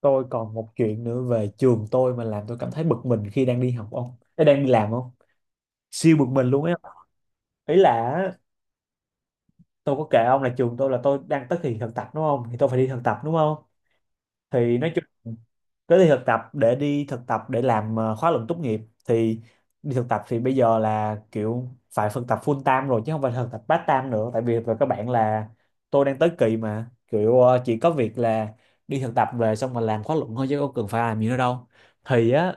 Tôi còn một chuyện nữa về trường tôi mà làm tôi cảm thấy bực mình khi đang đi học, ông. Ê, đang đi làm không, siêu bực mình luôn ấy. Ý là á, tôi có kể ông là trường tôi là tôi đang tới kỳ thực tập đúng không, thì tôi phải đi thực tập đúng không, thì nói chung tới đi thực tập để làm khóa luận tốt nghiệp. Thì đi thực tập thì bây giờ là kiểu phải thực tập full time rồi chứ không phải thực tập part time nữa, tại vì về các bạn là tôi đang tới kỳ mà kiểu chỉ có việc là đi thực tập về xong mà làm khóa luận thôi chứ không cần phải làm gì nữa đâu, thì á.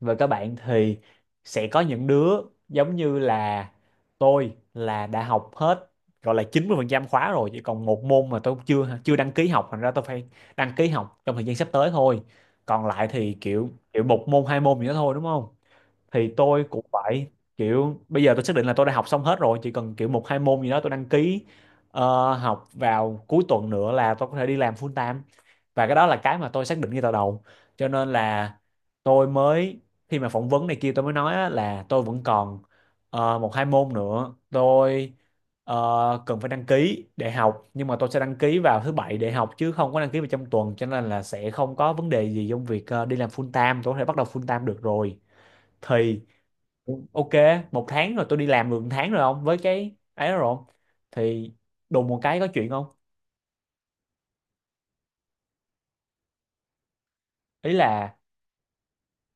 Và các bạn thì sẽ có những đứa giống như là tôi là đã học hết gọi là 90% khóa rồi, chỉ còn một môn mà tôi chưa chưa đăng ký học, thành ra tôi phải đăng ký học trong thời gian sắp tới thôi. Còn lại thì kiểu kiểu một môn hai môn gì đó thôi đúng không. Thì tôi cũng phải kiểu bây giờ tôi xác định là tôi đã học xong hết rồi, chỉ cần kiểu một hai môn gì đó tôi đăng ký học vào cuối tuần nữa là tôi có thể đi làm full time. Và cái đó là cái mà tôi xác định ngay từ đầu, cho nên là tôi mới khi mà phỏng vấn này kia tôi mới nói á, là tôi vẫn còn một hai môn nữa tôi cần phải đăng ký để học, nhưng mà tôi sẽ đăng ký vào thứ bảy để học chứ không có đăng ký vào trong tuần, cho nên là sẽ không có vấn đề gì trong việc đi làm full time, tôi có thể bắt đầu full time được rồi. Thì ok, một tháng rồi tôi đi làm được một tháng rồi không, với cái ấy đó rồi không, thì đùng một cái có chuyện không. Ý là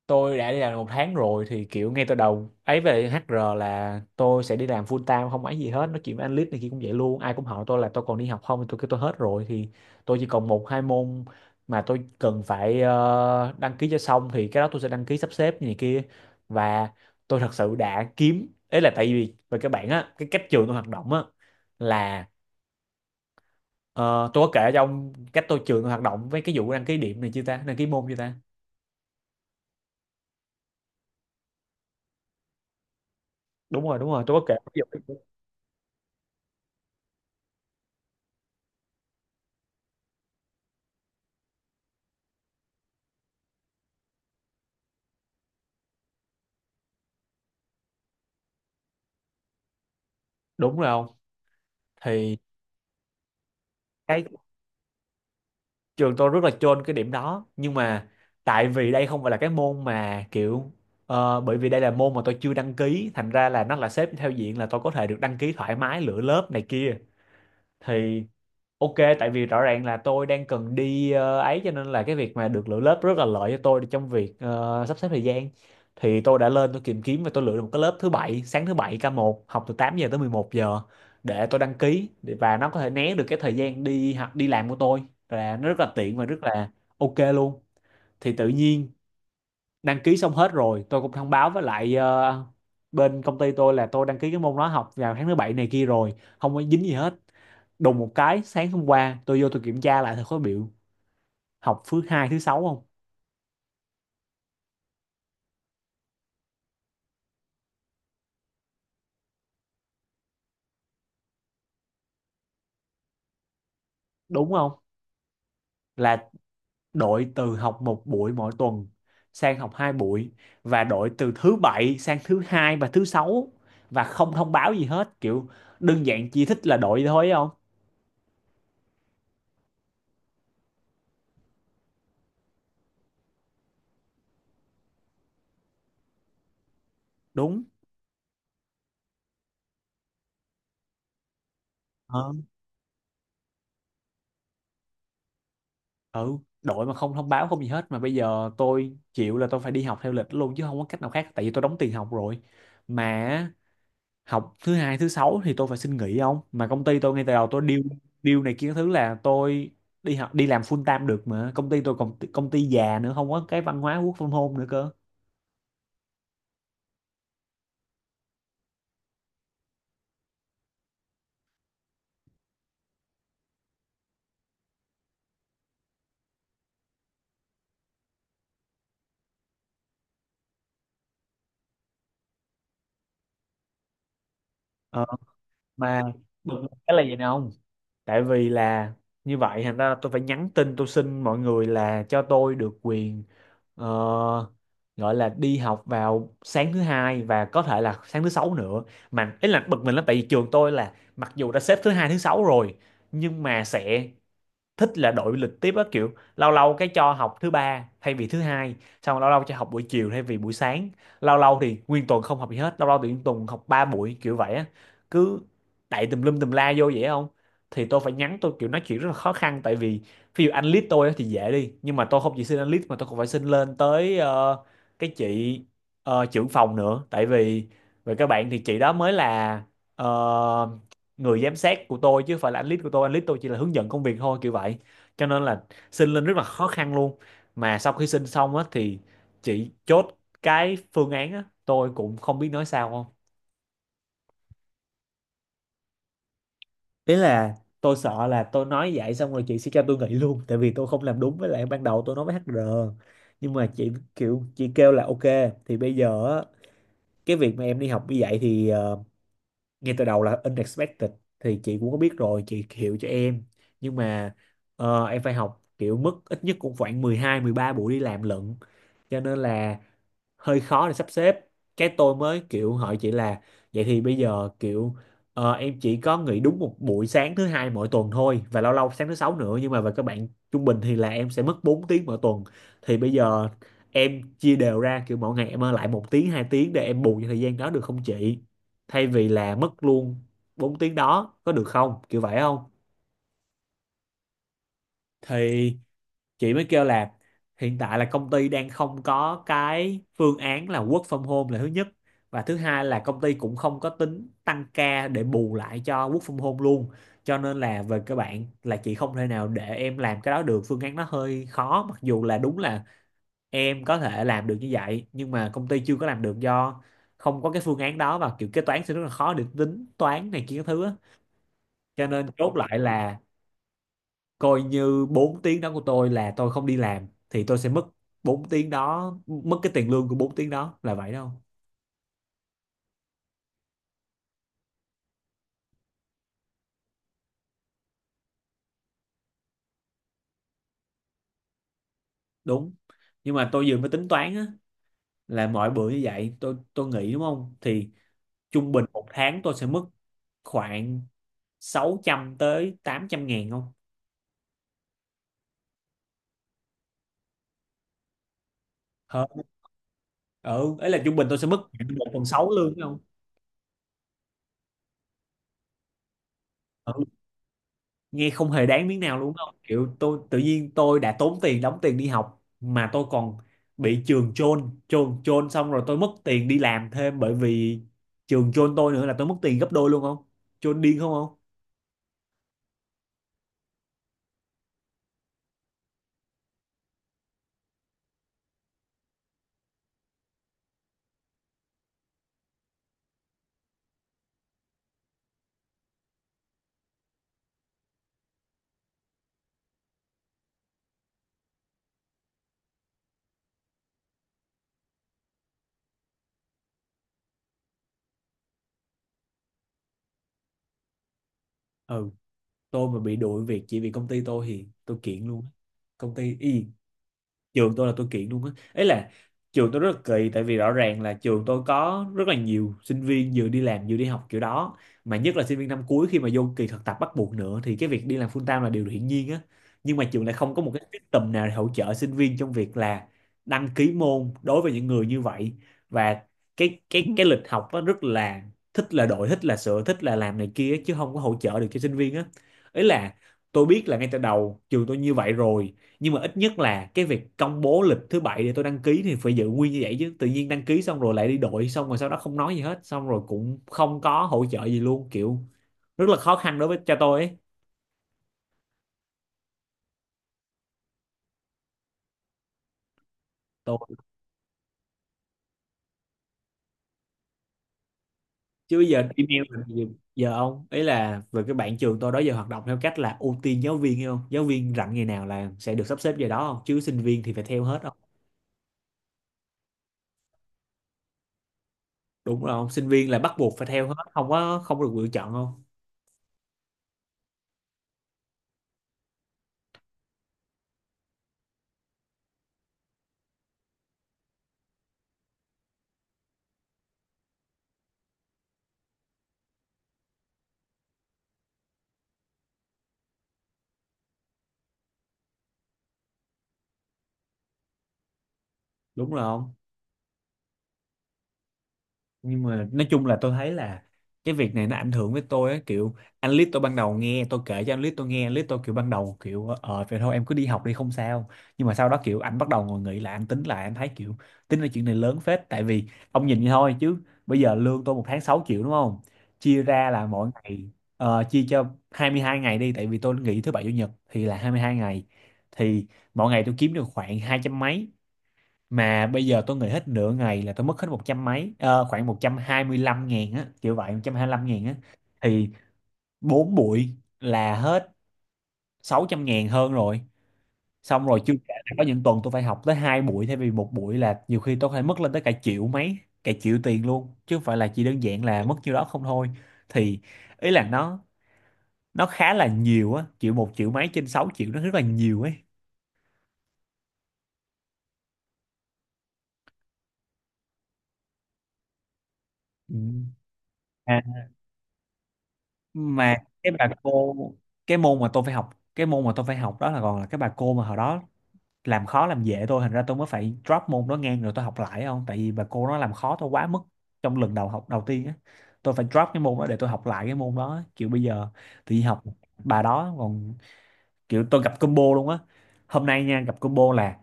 tôi đã đi làm một tháng rồi thì kiểu ngay từ đầu ấy về HR là tôi sẽ đi làm full time, không ấy gì hết, nói chuyện với anh Lít này kia cũng vậy luôn, ai cũng hỏi tôi là tôi còn đi học không thì tôi kêu tôi hết rồi, thì tôi chỉ còn một hai môn mà tôi cần phải đăng ký cho xong, thì cái đó tôi sẽ đăng ký sắp xếp như này kia. Và tôi thật sự đã kiếm ấy là tại vì về các bạn á, cái cách trường tôi hoạt động á là Ờ, tôi có kể cho ông cách trường tôi hoạt động với cái vụ đăng ký điểm này chưa ta, đăng ký môn chưa ta. Đúng rồi, đúng rồi, tôi có kể cái vụ- đúng rồi không, thì cái trường tôi rất là chôn cái điểm đó, nhưng mà tại vì đây không phải là cái môn mà kiểu bởi vì đây là môn mà tôi chưa đăng ký, thành ra là nó là xếp theo diện là tôi có thể được đăng ký thoải mái lựa lớp này kia. Thì ok, tại vì rõ ràng là tôi đang cần đi ấy, cho nên là cái việc mà được lựa lớp rất là lợi cho tôi trong việc sắp xếp thời gian. Thì tôi đã lên tôi tìm kiếm và tôi lựa được một cái lớp thứ bảy, sáng thứ bảy ca một, học từ 8 giờ tới 11 giờ để tôi đăng ký và nó có thể né được cái thời gian đi học đi làm của tôi, và nó rất là tiện và rất là ok luôn. Thì tự nhiên đăng ký xong hết rồi, tôi cũng thông báo với lại bên công ty tôi là tôi đăng ký cái môn đó học vào tháng thứ bảy này kia rồi, không có dính gì hết. Đùng một cái sáng hôm qua tôi vô tôi kiểm tra lại thầy có biểu học thứ hai thứ sáu không, đúng không, là đổi từ học một buổi mỗi tuần sang học hai buổi, và đổi từ thứ bảy sang thứ hai và thứ sáu, và không thông báo gì hết kiểu đơn giản chỉ thích là đổi thôi không. Đúng. Ờ. Ừ. Đổi mà không thông báo không gì hết, mà bây giờ tôi chịu là tôi phải đi học theo lịch luôn chứ không có cách nào khác, tại vì tôi đóng tiền học rồi, mà học thứ hai thứ sáu thì tôi phải xin nghỉ không, mà công ty tôi ngay từ đầu tôi deal deal này kia các thứ là tôi đi học đi làm full time được, mà công ty tôi còn công ty già nữa không có cái văn hóa work from home nữa cơ. Ờ, mà bực mình cái là gì nào không, tại vì là như vậy thành ra tôi phải nhắn tin tôi xin mọi người là cho tôi được quyền ờ, gọi là đi học vào sáng thứ hai và có thể là sáng thứ sáu nữa. Mà ý là bực mình lắm tại vì trường tôi là mặc dù đã xếp thứ hai thứ sáu rồi nhưng mà sẽ thích là đổi lịch tiếp á, kiểu lâu lâu cái cho học thứ ba thay vì thứ hai, xong rồi lâu lâu cho học buổi chiều thay vì buổi sáng, lâu lâu thì nguyên tuần không học gì hết, lâu lâu thì nguyên tuần học ba buổi kiểu vậy á, cứ đậy tùm lum tùm la vô vậy không. Thì tôi phải nhắn, tôi kiểu nói chuyện rất là khó khăn tại vì ví dụ anh lead tôi á thì dễ đi, nhưng mà tôi không chỉ xin anh lead mà tôi còn phải xin lên tới cái chị trưởng phòng nữa, tại vì về các bạn thì chị đó mới là ờ, người giám sát của tôi chứ không phải là anh lead của tôi, anh lead tôi chỉ là hướng dẫn công việc thôi kiểu vậy, cho nên là xin lên rất là khó khăn luôn. Mà sau khi xin xong á thì chị chốt cái phương án á, tôi cũng không biết nói sao không. Ý là tôi sợ là tôi nói vậy xong rồi chị sẽ cho tôi nghỉ luôn tại vì tôi không làm đúng với lại ban đầu tôi nói với HR, nhưng mà chị kêu là ok. Thì bây giờ á, cái việc mà em đi học như vậy thì ngay từ đầu là unexpected, thì chị cũng có biết rồi chị hiểu cho em, nhưng mà em phải học kiểu mức ít nhất cũng khoảng 12-13 buổi đi làm lận, cho nên là hơi khó để sắp xếp. Cái tôi mới kiểu hỏi chị là vậy thì bây giờ kiểu em chỉ có nghỉ đúng một buổi sáng thứ hai mỗi tuần thôi và lâu lâu sáng thứ sáu nữa, nhưng mà về các bạn trung bình thì là em sẽ mất 4 tiếng mỗi tuần. Thì bây giờ em chia đều ra kiểu mỗi ngày em ở lại một tiếng hai tiếng để em bù cho thời gian đó được không chị, thay vì là mất luôn 4 tiếng đó có được không kiểu vậy không. Thì chị mới kêu là hiện tại là công ty đang không có cái phương án là work from home là thứ nhất, và thứ hai là công ty cũng không có tính tăng ca để bù lại cho work from home luôn. Cho nên là về các bạn là chị không thể nào để em làm cái đó được, phương án nó hơi khó, mặc dù là đúng là em có thể làm được như vậy nhưng mà công ty chưa có làm được do không có cái phương án đó và kiểu kế toán sẽ rất là khó để tính toán này kia các thứ á. Cho nên chốt lại là coi như 4 tiếng đó của tôi là tôi không đi làm thì tôi sẽ mất 4 tiếng đó, mất cái tiền lương của 4 tiếng đó là vậy đâu. Đúng. Nhưng mà tôi vừa mới tính toán á, là mỗi bữa như vậy tôi nghỉ đúng không, thì trung bình một tháng tôi sẽ mất khoảng 600 tới 800 ngàn không. Hơn. Ừ, ấy là trung bình tôi sẽ mất khoảng 1/6 lương đúng không. Ừ. Nghe không hề đáng miếng nào luôn không, kiểu tôi tự nhiên tôi đã tốn tiền đóng tiền đi học mà tôi còn bị trường chôn chôn chôn xong rồi tôi mất tiền đi làm thêm bởi vì trường chôn tôi nữa là tôi mất tiền gấp đôi luôn không. Chôn điên không không. Ừ, tôi mà bị đuổi việc chỉ vì công ty tôi thì tôi kiện luôn á. Công ty y, trường tôi là tôi kiện luôn á. Ấy là trường tôi rất là kỳ, tại vì rõ ràng là trường tôi có rất là nhiều sinh viên vừa đi làm vừa đi học kiểu đó, mà nhất là sinh viên năm cuối khi mà vô kỳ thực tập bắt buộc nữa thì cái việc đi làm full time là điều hiển nhiên á. Nhưng mà trường lại không có một cái system nào để hỗ trợ sinh viên trong việc là đăng ký môn đối với những người như vậy, và cái lịch học nó rất là thích là đội, thích là sửa, thích là làm này kia, chứ không có hỗ trợ được cho sinh viên á. Ấy là tôi biết là ngay từ đầu trường tôi như vậy rồi, nhưng mà ít nhất là cái việc công bố lịch thứ bảy để tôi đăng ký thì phải giữ nguyên như vậy chứ, tự nhiên đăng ký xong rồi lại đi đội, xong rồi sau đó không nói gì hết, xong rồi cũng không có hỗ trợ gì luôn, kiểu rất là khó khăn đối với cho tôi ấy. Tôi chứ bây giờ email làm gì. Giờ ông, ấy là về cái bạn trường tôi đó, giờ hoạt động theo cách là ưu tiên giáo viên, hiểu không, giáo viên rảnh ngày nào là sẽ được sắp xếp giờ đó không, chứ sinh viên thì phải theo hết không. Đúng rồi không, sinh viên là bắt buộc phải theo hết, không có, không có được lựa chọn không. Đúng rồi không. Nhưng mà nói chung là tôi thấy là cái việc này nó ảnh hưởng với tôi á, kiểu anh Lít tôi ban đầu nghe tôi kể, cho anh Lít tôi nghe, anh Lít tôi kiểu ban đầu kiểu vậy thôi em cứ đi học đi không sao. Nhưng mà sau đó kiểu anh bắt đầu ngồi nghĩ lại, anh tính lại, anh thấy kiểu tính là chuyện này lớn phết, tại vì ông nhìn vậy thôi chứ bây giờ lương tôi một tháng 6 triệu đúng không, chia ra là mỗi ngày chia cho 22 ngày đi, tại vì tôi nghỉ thứ bảy chủ nhật thì là 22 ngày, thì mỗi ngày tôi kiếm được khoảng hai trăm mấy. Mà bây giờ tôi nghỉ hết nửa ngày là tôi mất hết một trăm mấy, khoảng 125 ngàn á, kiểu vậy, 125 ngàn á. Thì bốn buổi là hết 600 ngàn hơn rồi, xong rồi chưa kể là có những tuần tôi phải học tới hai buổi thay vì một buổi, là nhiều khi tôi phải mất lên tới cả triệu mấy, cả triệu tiền luôn, chứ không phải là chỉ đơn giản là mất nhiêu đó không thôi. Thì ý là nó khá là nhiều á, kiểu một triệu mấy trên 6 triệu nó rất là nhiều ấy. Ừ. Mà cái bà cô, cái môn mà tôi phải học, cái môn mà tôi phải học đó là còn là cái bà cô mà hồi đó làm khó làm dễ tôi, thành ra tôi mới phải drop môn đó ngang rồi tôi học lại không, tại vì bà cô nó làm khó tôi quá mức trong lần đầu học đầu tiên á. Tôi phải drop cái môn đó để tôi học lại cái môn đó á. Kiểu bây giờ tự nhiên học bà đó còn kiểu tôi gặp combo luôn á. Hôm nay nha gặp combo là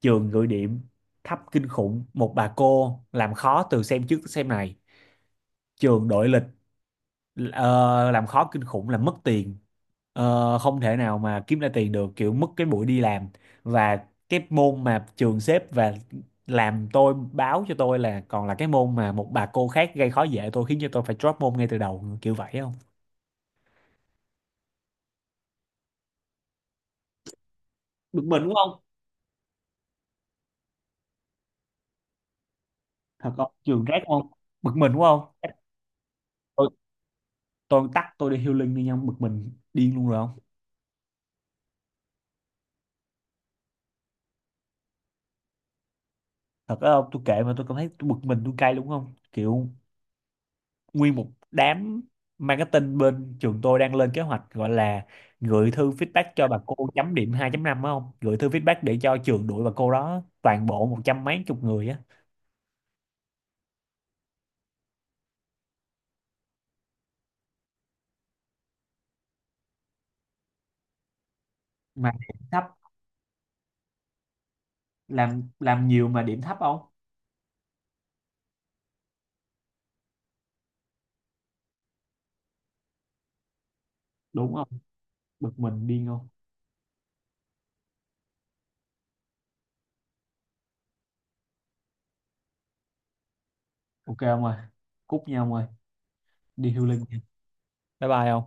trường gửi điểm thấp kinh khủng, một bà cô làm khó từ xem trước tới xem này, trường đội lịch, ờ, làm khó kinh khủng là mất tiền. Không thể nào mà kiếm ra tiền được, kiểu mất cái buổi đi làm và cái môn mà trường xếp, và làm tôi báo cho tôi là còn là cái môn mà một bà cô khác gây khó dễ tôi khiến cho tôi phải drop môn ngay từ đầu, kiểu vậy không. Bực mình đúng không. Thật không, trường rác không. Bực mình đúng không. Tôi tôi tắt, tôi đi healing đi nha, bực mình điên luôn rồi không. Thật đó không, tôi kệ mà, tôi cảm thấy tôi bực mình, tôi cay đúng không, kiểu nguyên một đám marketing bên trường tôi đang lên kế hoạch gọi là gửi thư feedback cho bà cô chấm điểm 2.5 phải không? Gửi thư feedback để cho trường đuổi bà cô đó, toàn bộ một trăm mấy chục người á. Mà điểm thấp, làm nhiều mà điểm thấp không? Đúng không? Bực mình điên không? Ok không ơi? Cúp nhau không ơi? Đi healing nha. Bye bye không?